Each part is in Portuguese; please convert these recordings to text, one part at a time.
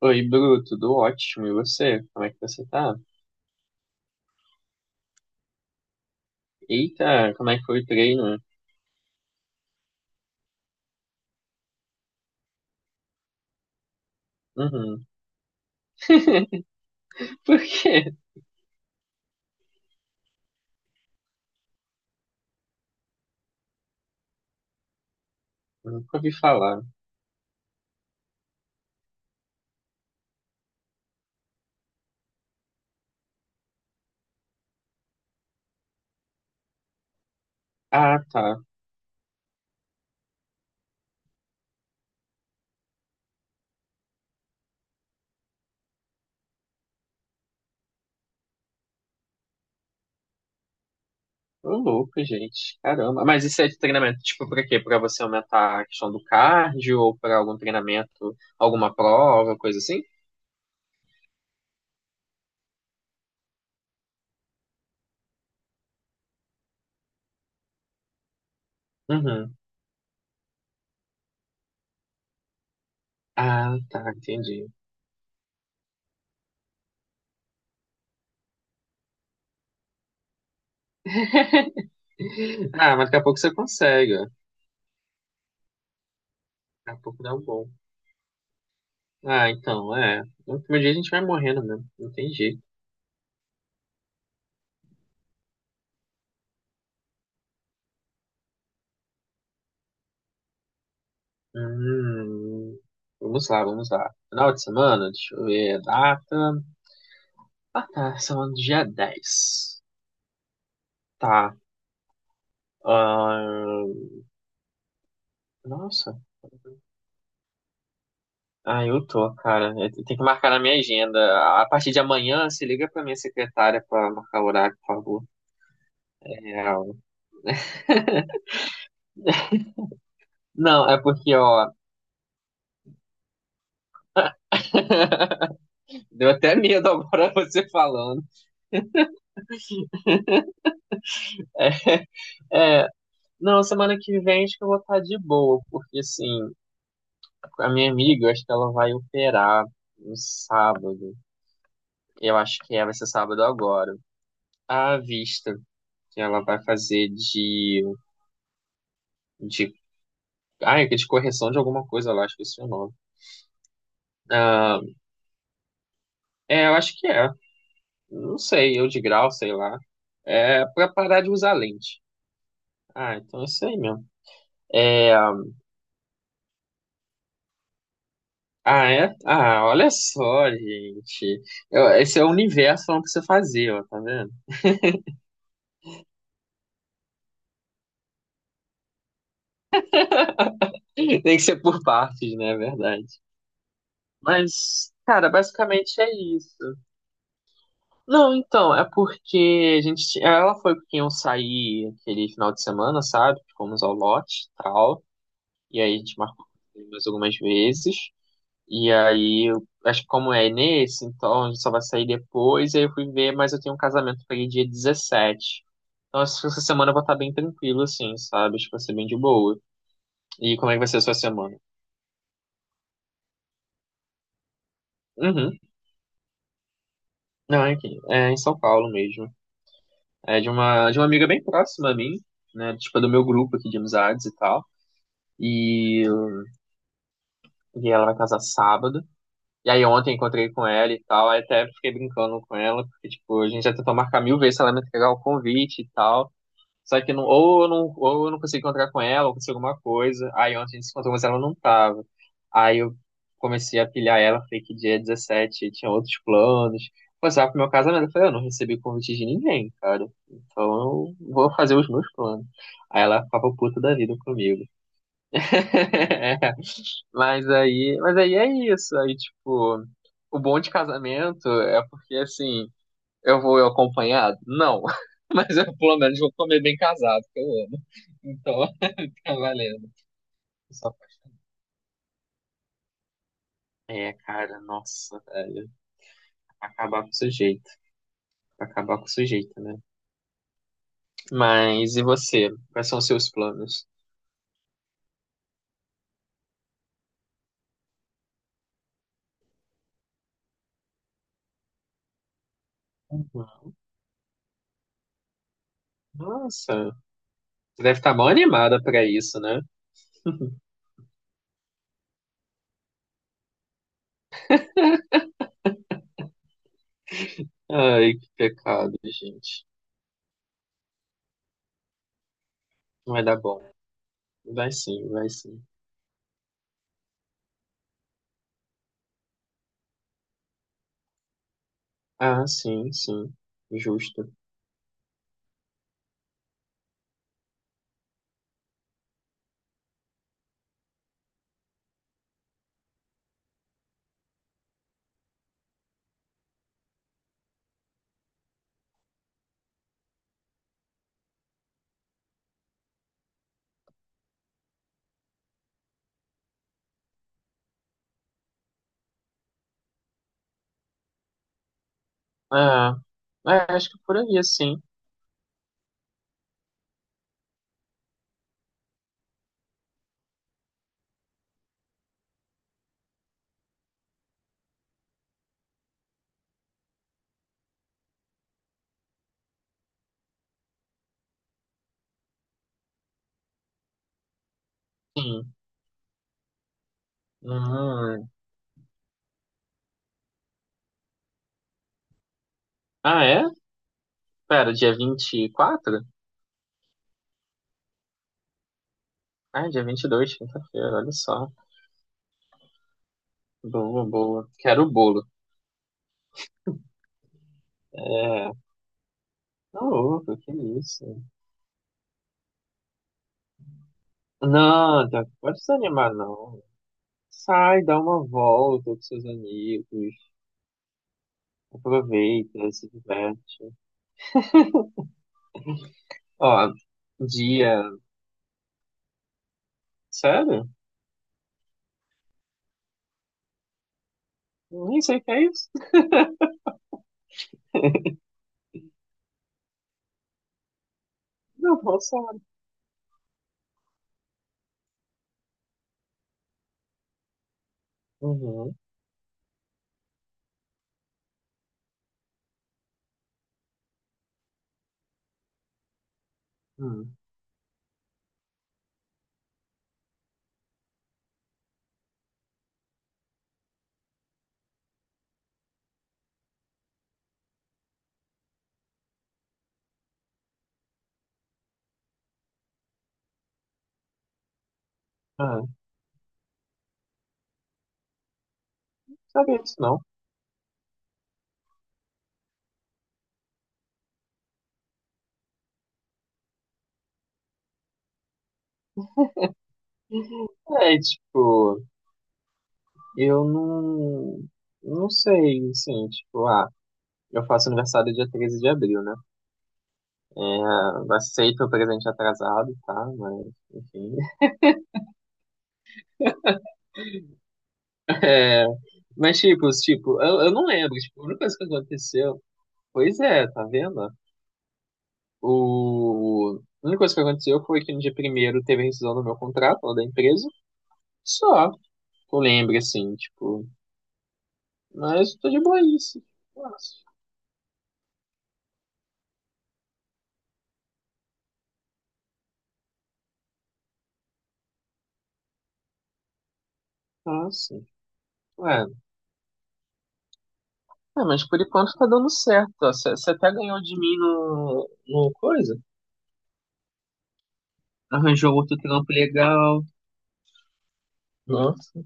Oi, Bru, tudo ótimo. E você? Como é que você tá? Eita, como é que foi o treino? Uhum. Por quê? Nunca ouvi falar. Ah, tá. Ô, louco, gente. Caramba. Mas isso é de treinamento, tipo, pra quê? Pra você aumentar a questão do cardio ou pra algum treinamento, alguma prova, coisa assim? Uhum. Ah, tá, entendi. Ah, mas daqui a pouco você consegue, ó. Daqui a pouco dá um bom. Ah, então, é. No último dia a gente vai morrendo mesmo. Não tem jeito. Hum, Vamos lá, vamos lá. Final de semana, deixa eu ver a data. Ah, tá, semana do dia 10. Tá. Ah, nossa. Ah, eu tô, cara. Eu tenho que marcar na minha agenda. A partir de amanhã, se liga pra minha secretária pra marcar o horário, por favor. É, não, é porque, ó, deu até medo agora você falando. É, não, semana que vem acho que eu vou estar de boa, porque assim. A minha amiga, eu acho que ela vai operar no sábado. Eu acho que é, vai ser sábado agora. A vista que ela vai fazer de, de correção de alguma coisa lá, acho que esse é o nome. Ah, é, eu acho que é. Não sei, eu de grau, sei lá. É pra parar de usar lente. Ah, então é isso aí mesmo. É, é? Ah, olha só, gente. Esse é o universo falando pra você fazer, ó, tá vendo? Tem que ser por partes, né? É verdade. Mas, cara, basicamente é isso. Não, então, é porque a gente. Ela foi com quem eu saí aquele final de semana, sabe? Fomos ao lote e tal. E aí a gente marcou mais algumas vezes. E aí, acho que como é nesse, então a gente só vai sair depois. E aí eu fui ver, mas eu tenho um casamento pra ir dia 17. Então essa semana eu vou estar bem tranquilo, assim, sabe? Acho que vai ser bem de boa. E como é que vai ser a sua semana? Uhum. Não, é aqui. É em São Paulo mesmo. É de uma amiga bem próxima a mim, né? Tipo, do meu grupo aqui de amizades e tal. E, e ela vai casar sábado. E aí ontem encontrei com ela e tal. Aí até fiquei brincando com ela, porque, tipo, a gente já tentou marcar mil vezes se ela me entregar o convite e tal. Só que não, ou eu não consegui encontrar com ela, ou consegui alguma coisa. Aí ontem a gente se encontrou, mas ela não tava. Aí eu comecei a pilhar ela, falei que dia é 17 tinha outros planos. Passava pro meu casamento. Eu falei, eu não recebi convite de ninguém, cara. Então eu vou fazer os meus planos. Aí ela ficava puta da vida comigo. Mas aí é isso. Aí, tipo, o bom de casamento é porque, assim, eu vou acompanhado? Não. Mas eu pelo menos vou comer bem casado, que eu amo. Então, tá valendo. Só faz- É, cara, nossa, velho. Acabar com o sujeito. Acabar com o sujeito, né? Mas e você? Quais são os seus planos? Nossa, você deve estar mal animada pra isso, né? Ai, que pecado, gente. Não vai dar bom. Vai sim, vai sim. Ah, sim, sim. Justo. Ah, é, acho que por aí, sim. Sim. Hum. Ah, é? Pera, dia 24? Ah, dia 22, quinta-feira, olha só. Boa, boa. Quero o bolo. É. Não, louco, que isso? Não, Tiago, pode desanimar, não. Sai, dá uma volta com seus amigos. Aproveita, se diverte. Ó, dia. Sério? Nem sei o que é isso. Não, nossa. Uhum. Hum. Ah, sabia disso não. É, tipo, eu não. Não sei, assim, tipo, ah. Eu faço aniversário dia 13 de abril, né? É, aceito o presente atrasado, tá? Mas, enfim. É, mas, tipo, eu não lembro. Tipo, a única coisa que aconteceu. Pois é, tá vendo? A única coisa que aconteceu foi que no dia primeiro teve a rescisão do meu contrato, lá da empresa. Só. Eu lembro, assim, tipo. Mas tô de boa isso. Nossa. Nossa. Ué. É, mas por enquanto tá dando certo, ó. Você até ganhou de mim no coisa. Arranjou outro trampo legal. Nossa,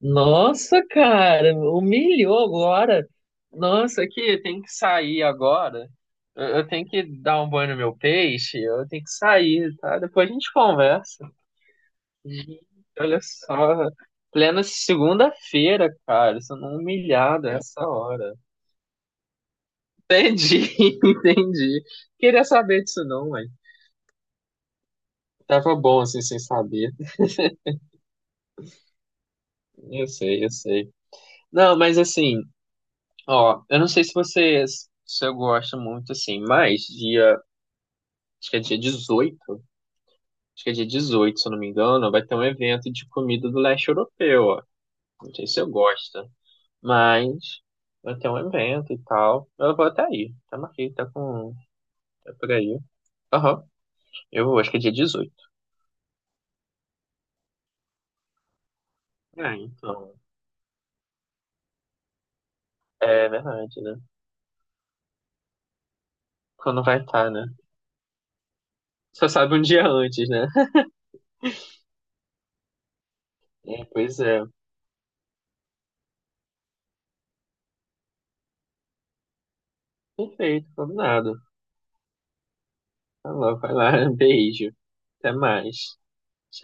nossa, cara, humilhou agora. Nossa, aqui tem que sair agora. Eu tenho que dar um banho no meu peixe. Eu tenho que sair, tá? Depois a gente conversa. Gente, olha só, plena segunda-feira, cara, sendo humilhado a essa hora. Entendi, entendi. Queria saber disso não, mãe. Tava bom assim, sem saber. Eu sei, eu sei. Não, mas assim. Ó, eu não sei se vocês, se eu gosto muito assim, mas dia, acho que é dia 18, acho que é dia 18, se eu não me engano, vai ter um evento de comida do leste europeu, ó. Não sei se eu gosto, mas vai ter um evento e tal. Eu vou até aí, tá aqui, tá com, tá por aí. Aham, eu vou, acho que é dia 18, é, então, é verdade, né? Quando vai estar, né? Só sabe um dia antes, né? É, pois é. Perfeito, combinado. Tá bom, vai lá, beijo. Até mais. Tchau.